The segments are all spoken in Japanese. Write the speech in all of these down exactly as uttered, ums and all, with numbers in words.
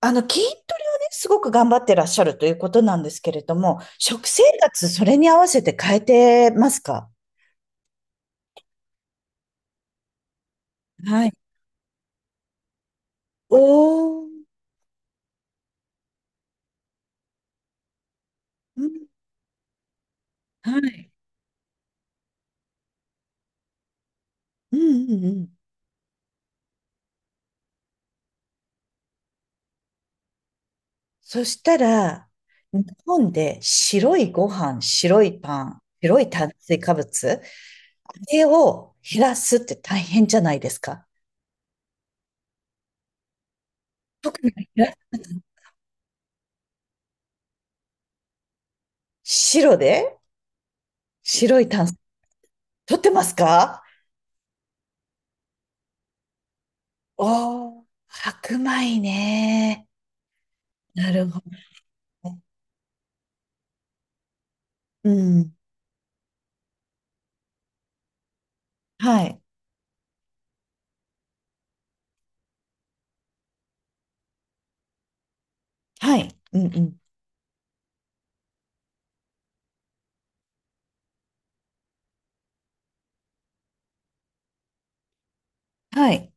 あの、筋トレをね、すごく頑張ってらっしゃるということなんですけれども、食生活、それに合わせて変えてますか？はい。おー、うん、はい。うんうんうん。そしたら、日本で白いご飯、白いパン、白い炭水化物、あれを減らすって大変じゃないですか。特に減ら白で白い炭水、取ってますか？おー、白米ね。なるほど。うん。はい。はい。うんうん。はい。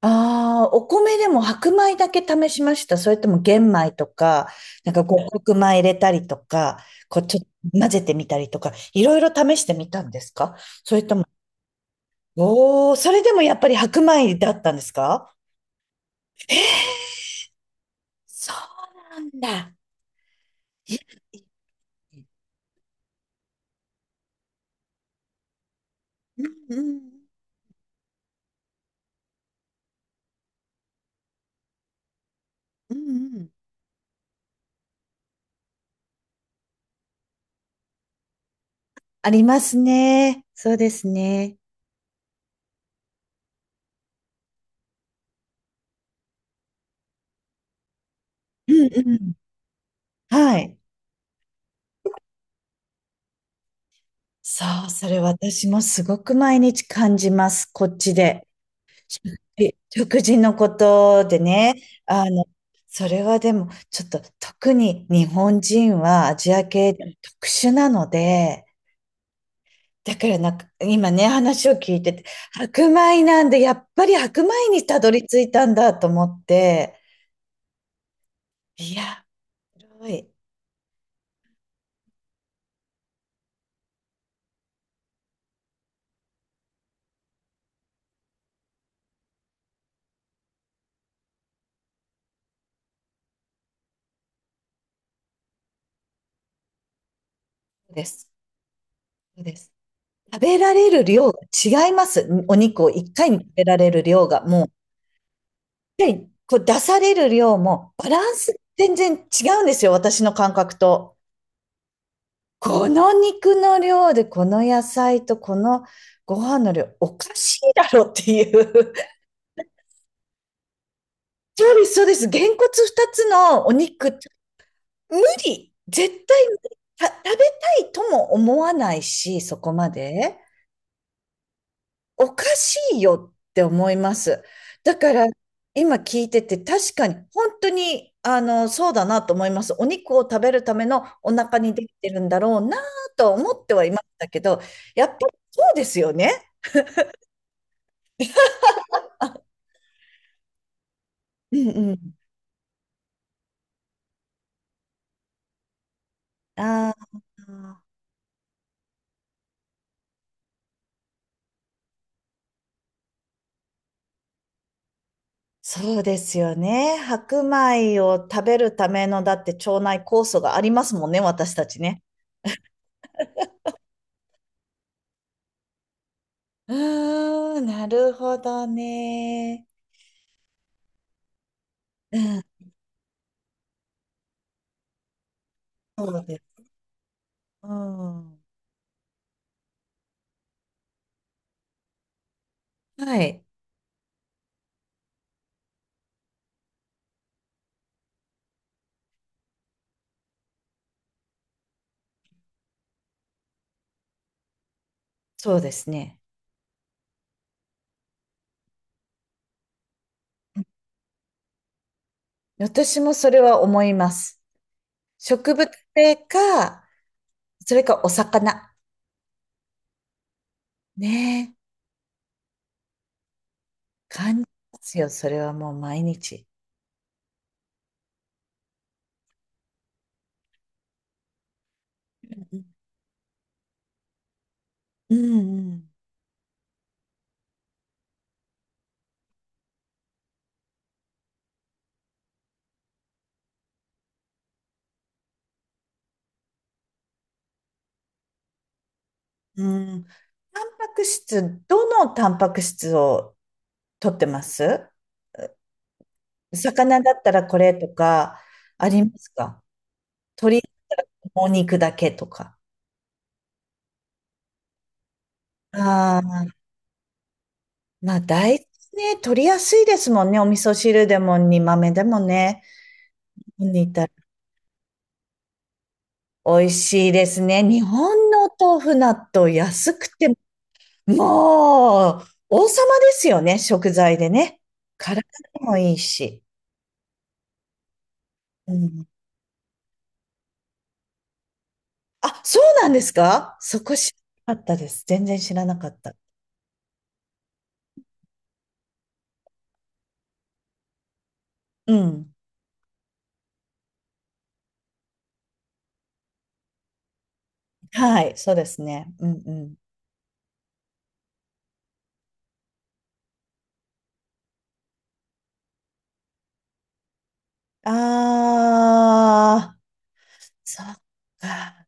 ああ、お米でも白米だけ試しました。それとも玄米とか、なんか五穀米入れたりとか、こうちょっと混ぜてみたりとか、いろいろ試してみたんですか？それとも、おお、それでもやっぱり白米だったんですか？えー、そうなんだ。いや、うんうんうんうん、ありますね。そうですね。うんうん。はい。そう、それ私もすごく毎日感じます、こっちで。え、食事のことでね、あの、それはでも、ちょっと特に日本人はアジア系でも特殊なので、だからなんか、今ね、話を聞いてて、白米なんで、やっぱり白米にたどり着いたんだと思って、いや、すごい、そうです、そうです。食べられる量が違います。お肉をいっかいに食べられる量が、もうやっぱりこう出される量もバランス全然違うんですよ、私の感覚と。この肉の量で、この野菜とこのご飯の量、おかしいだろっていう。そうです、そうです。げんこつふたつのお肉、無理。絶対無理、た食べたいとも思わないし、そこまで。おかしいよって思います。だから、今聞いてて、確かに、本当に、あの、そうだなと思います。お肉を食べるためのお腹にできてるんだろうなと思ってはいましたけど、やっぱりそうですよね。うんうん。ああ、そうですよね。白米を食べるための、だって腸内酵素がありますもんね、私たちね。うーん、なるほどね。うん、そうです。うん。はい。そうですね。私もそれは思います。植物性か、それかお魚。ねえ、感じますよ。それはもう毎日。うんうん。うん。タンパク質、どのタンパク質を取ってます？魚だったらこれとか、ありますか？鶏もも肉だけとか。ああ、まあ大豆ね、取りやすいですもんね。お味噌汁でも煮豆でもね。煮た美味しいですね。日本のお豆腐納豆安くて、もう、王様ですよね、食材でね。体にもいいし。うん。あ、そうなんですか？そこ知らなかったです。全然知らなかった。うん。はい、そうですね。うんうん。あー、そっか。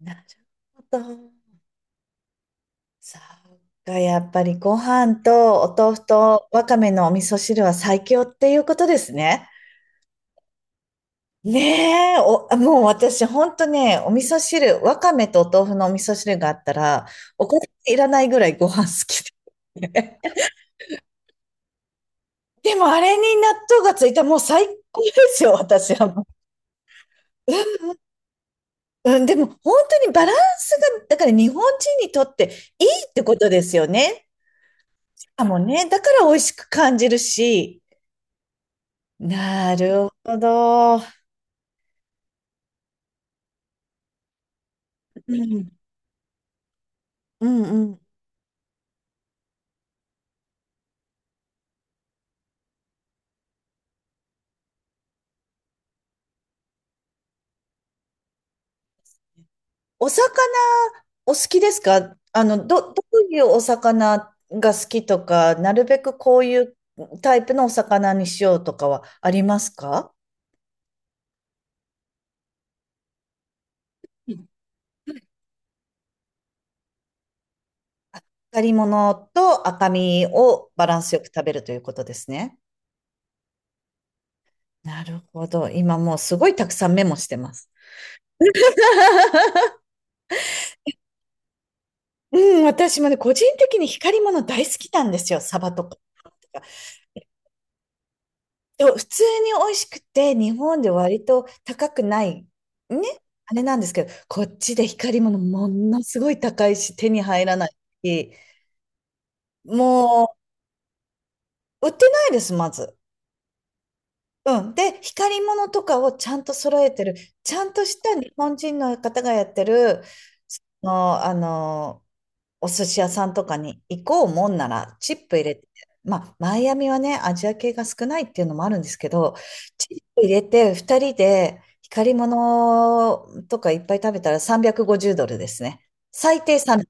なるほど。そっか、やっぱりご飯とお豆腐とわかめのお味噌汁は最強っていうことですね。ねえ、お、もう私、ほんとね、お味噌汁、わかめとお豆腐のお味噌汁があったら、おかずいらないぐらいご飯好きで。でも、あれに納豆がついたらもう最高ですよ、私はもう。うん、でも、本当にバランスが、だから日本人にとっていいってことですよね。あ、もうね、だから美味しく感じるし。なるほど。うん、うん、うん。お魚お好きですか？あの、ど、どういうお魚が好きとか、なるべくこういうタイプのお魚にしようとかはありますか？うん、光り物と赤身をバランスよく食べるということですね。なるほど。今もうすごいたくさんメモしてます。うん、私もね、個人的に光り物大好きなんですよ。サバとか。でも普通に美味しくて、日本で割と高くない、ね、あれなんですけど、こっちで光り物ものすごい高いし、手に入らないし、もう売ってないです、まず。うん。で、光り物とかをちゃんと揃えてる、ちゃんとした日本人の方がやってる、の、あの、お寿司屋さんとかに行こうもんなら、チップ入れて、まあ、マイアミはね、アジア系が少ないっていうのもあるんですけど、チップ入れて、ふたりで光り物とかいっぱい食べたらさんびゃくごじゅうドルですね。最低さん、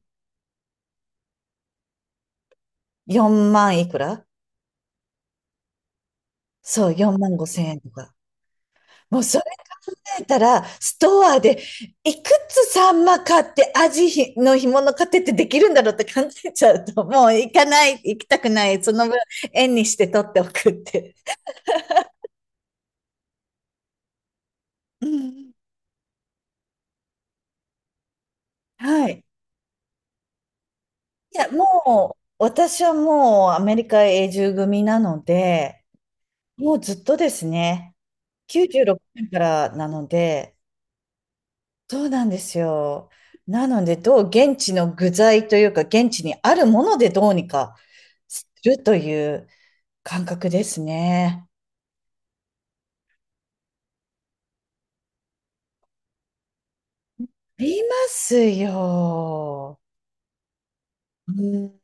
よんまんいくら、そう、よんまんごせん円とか。もうそれ考えたら、ストアでいくつサンマ買ってアジの干物買ってってできるんだろうって考えちゃうと、もう行かない、行きたくない、その分円にして取っておくって。うん、はい。いや、もう、私はもうアメリカ永住組なので、もうずっとですね、きゅうじゅうろくねんからなので、そうなんですよ。なので、どう現地の具材というか、現地にあるものでどうにかするという感覚ですね。ありますよ。うん